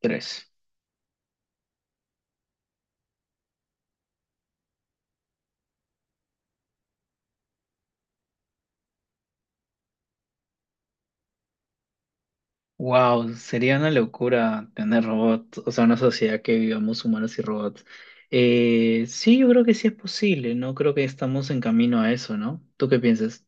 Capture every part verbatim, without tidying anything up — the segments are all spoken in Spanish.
Tres. Wow, sería una locura tener robots, o sea, una sociedad que vivamos humanos y robots. Eh, sí, yo creo que sí es posible, no creo que estamos en camino a eso, ¿no? ¿Tú qué piensas?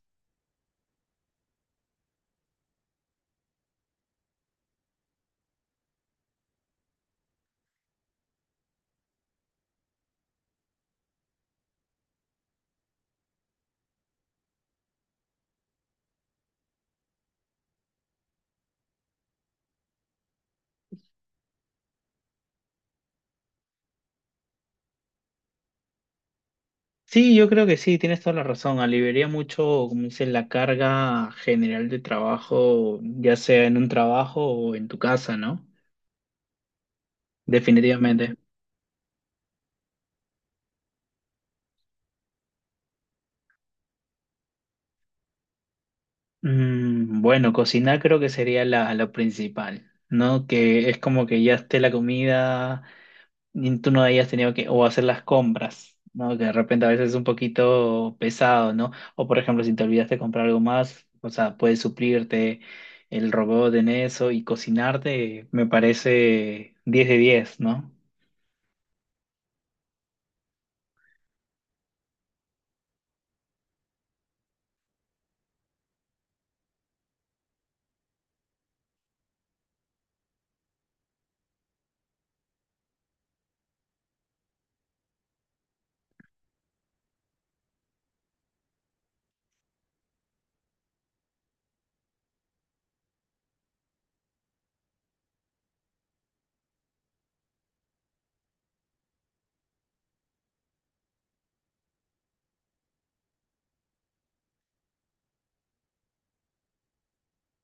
Sí, yo creo que sí, tienes toda la razón. Aliviaría mucho, como dicen, la carga general de trabajo, ya sea en un trabajo o en tu casa, ¿no? Definitivamente. Mm, bueno, cocinar creo que sería la, la principal, ¿no? Que es como que ya esté la comida. Ni tú no hayas tenido que o hacer las compras, ¿no? Que de repente a veces es un poquito pesado, ¿no? O por ejemplo, si te olvidaste de comprar algo más, o sea, puedes suplirte el robot en eso y cocinarte, me parece diez de diez, ¿no?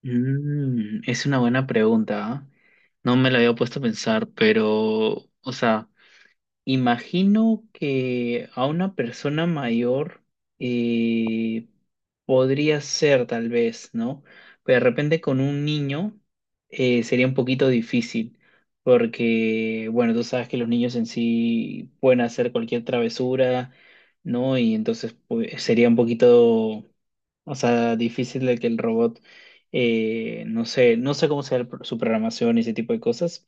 Mm, es una buena pregunta, ¿ah? No me la había puesto a pensar, pero, o sea, imagino que a una persona mayor eh, podría ser tal vez, ¿no? Pero de repente con un niño eh, sería un poquito difícil, porque, bueno, tú sabes que los niños en sí pueden hacer cualquier travesura, ¿no? Y entonces pues, sería un poquito, o sea, difícil de que el robot, eh, no sé, no sé cómo sea el pro- su programación y ese tipo de cosas,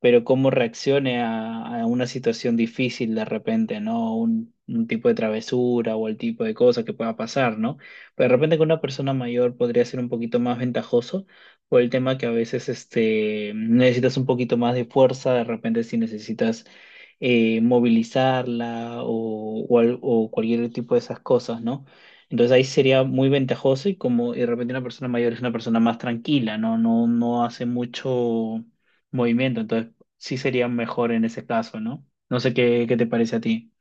pero cómo reaccione a, a una situación difícil de repente, ¿no? Un, un tipo de travesura o el tipo de cosa que pueda pasar, ¿no? Pero de repente con una persona mayor podría ser un poquito más ventajoso por el tema que a veces este, necesitas un poquito más de fuerza, de repente si necesitas eh, movilizarla o, o al- o cualquier tipo de esas cosas, ¿no? Entonces ahí sería muy ventajoso y como y de repente una persona mayor es una persona más tranquila, no, no, no hace mucho movimiento, entonces sí sería mejor en ese caso, ¿no? No sé qué, qué te parece a ti.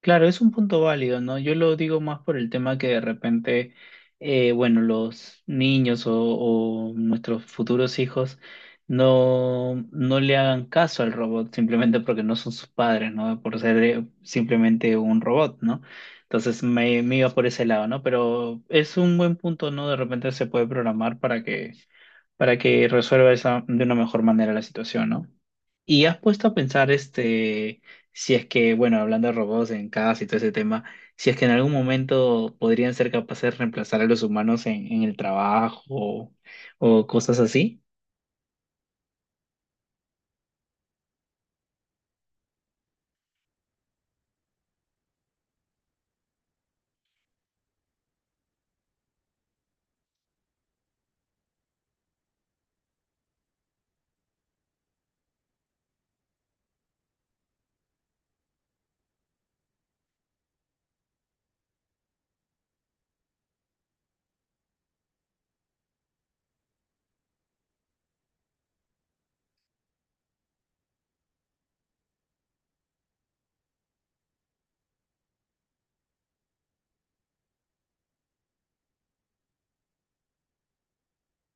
Claro, es un punto válido, ¿no? Yo lo digo más por el tema que de repente, eh, bueno, los niños o, o nuestros futuros hijos no, no le hagan caso al robot simplemente porque no son sus padres, ¿no? Por ser eh, simplemente un robot, ¿no? Entonces me, me iba por ese lado, ¿no? Pero es un buen punto, ¿no? De repente se puede programar para que, para que resuelva esa, de una mejor manera la situación, ¿no? Y has puesto a pensar, este, si es que, bueno, hablando de robots en casa y todo ese tema, si es que en algún momento podrían ser capaces de reemplazar a los humanos en, en el trabajo o o cosas así.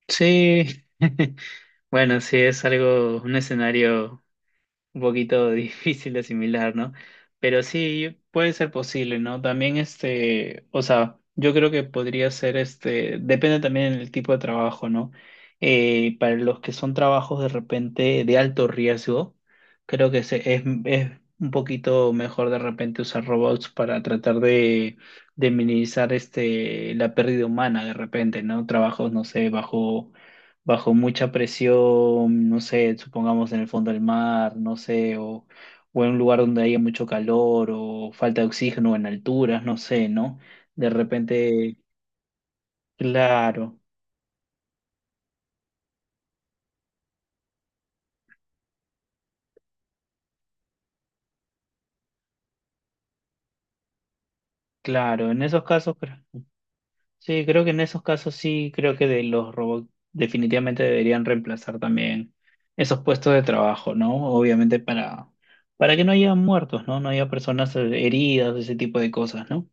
Sí, bueno, sí, es algo, un escenario un poquito difícil de asimilar, ¿no? Pero sí, puede ser posible, ¿no? También este, o sea, yo creo que podría ser este, depende también del tipo de trabajo, ¿no? Eh, para los que son trabajos de repente de alto riesgo, creo que se- es, es un poquito mejor de repente usar robots para tratar de, de minimizar este, la pérdida humana de repente, ¿no? Trabajos, no sé, bajo bajo mucha presión, no sé, supongamos en el fondo del mar, no sé, o, o en un lugar donde haya mucho calor o falta de oxígeno en alturas, no sé, ¿no? De repente, claro, claro, en esos casos, cre- sí, creo que en esos casos sí, creo que de los robots definitivamente deberían reemplazar también esos puestos de trabajo, ¿no? Obviamente para, para que no haya muertos, ¿no? No haya personas eh, heridas, ese tipo de cosas, ¿no?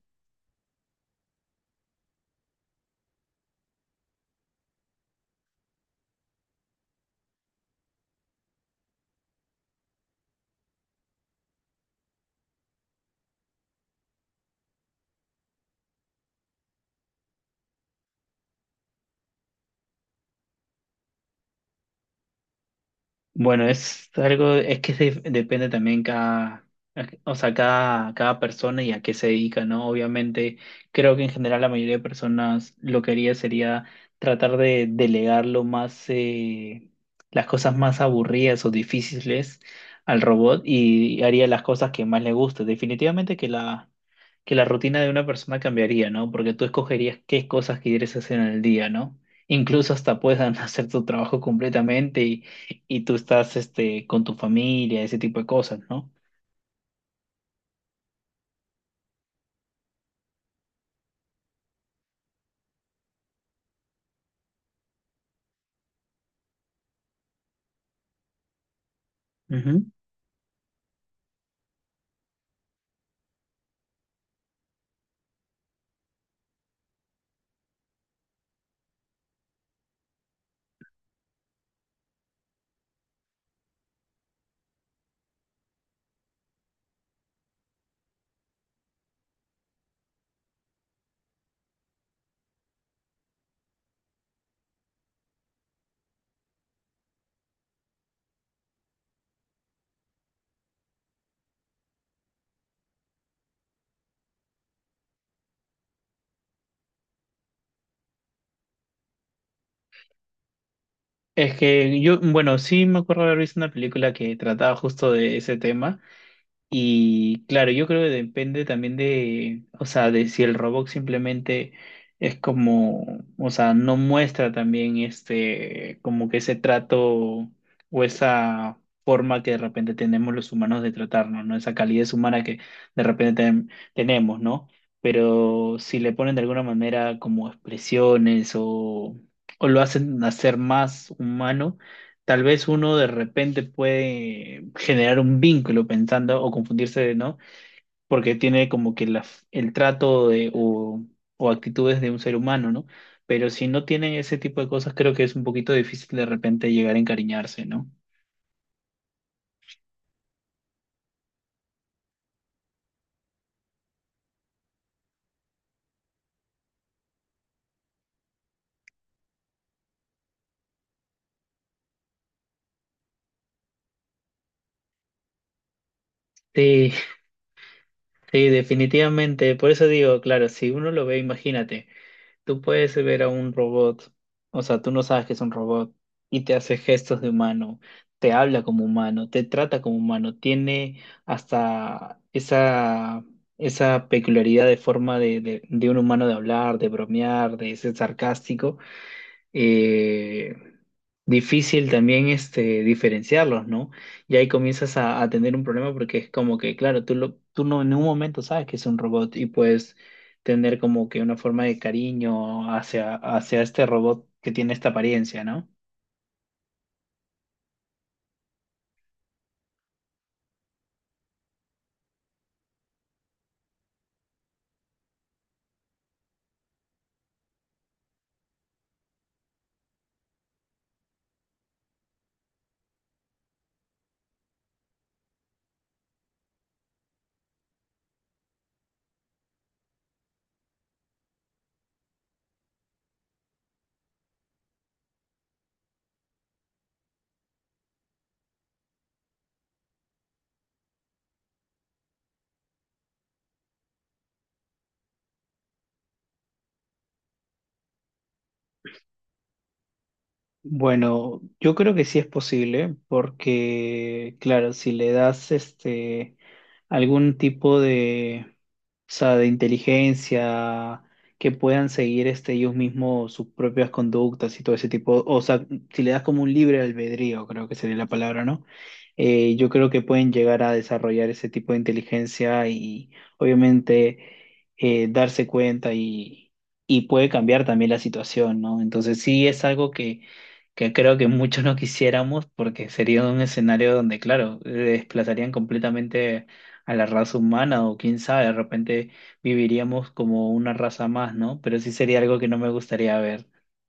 Bueno, es algo, es que se- depende también cada, o sea, cada, cada persona y a qué se dedica, ¿no? Obviamente, creo que en general la mayoría de personas lo que haría sería tratar de delegar lo más, eh, las cosas más aburridas o difíciles al robot y haría las cosas que más le guste. Definitivamente que la, que la rutina de una persona cambiaría, ¿no? Porque tú escogerías qué cosas quieres hacer en el día, ¿no? Incluso hasta puedan hacer tu trabajo completamente y tú estás este, con tu familia, ese tipo de cosas, ¿no? Ujú. Es que yo, bueno, sí me acuerdo haber visto una película que trataba justo de ese tema. Y claro, yo creo que depende también de, o sea, de si el robot simplemente es como, o sea, no muestra también este, como que ese trato o esa forma que de repente tenemos los humanos de tratarnos, ¿no? Esa calidez humana que de repente ten- tenemos, ¿no? Pero si le ponen de alguna manera como expresiones o, o lo hacen hacer más humano. Tal vez uno de repente puede generar un vínculo pensando o confundirse, ¿no? Porque tiene como que la, f- el trato de, o, o actitudes de un ser humano, ¿no? Pero si no tienen ese tipo de cosas, creo que es un poquito difícil de repente llegar a encariñarse, ¿no? Sí, sí, definitivamente. Por eso digo, claro, si uno lo ve, imagínate. Tú puedes ver a un robot, o sea, tú no sabes que es un robot y te hace gestos de humano, te habla como humano, te trata como humano, tiene hasta esa, esa peculiaridad de forma de, de, de un humano de hablar, de bromear, de ser sarcástico, eh, difícil también este, diferenciarlos, ¿no? Y ahí comienzas a, a tener un problema porque es como que, claro, tú, lo, tú no en un momento sabes que es un robot y puedes tener como que una forma de cariño hacia, hacia este robot que tiene esta apariencia, ¿no? Bueno, yo creo que sí es posible, porque claro, si le das este algún tipo de, o sea, de inteligencia que puedan seguir este ellos mismos sus propias conductas y todo ese tipo, o sea, si le das como un libre albedrío, creo que sería la palabra, ¿no? Eh, yo creo que pueden llegar a desarrollar ese tipo de inteligencia y obviamente eh, darse cuenta y, y puede cambiar también la situación, ¿no? Entonces sí es algo que que creo que muchos no quisiéramos porque sería un escenario donde, claro, desplazarían completamente a la raza humana o quién sabe, de repente viviríamos como una raza más, ¿no? Pero sí sería algo que no me gustaría ver.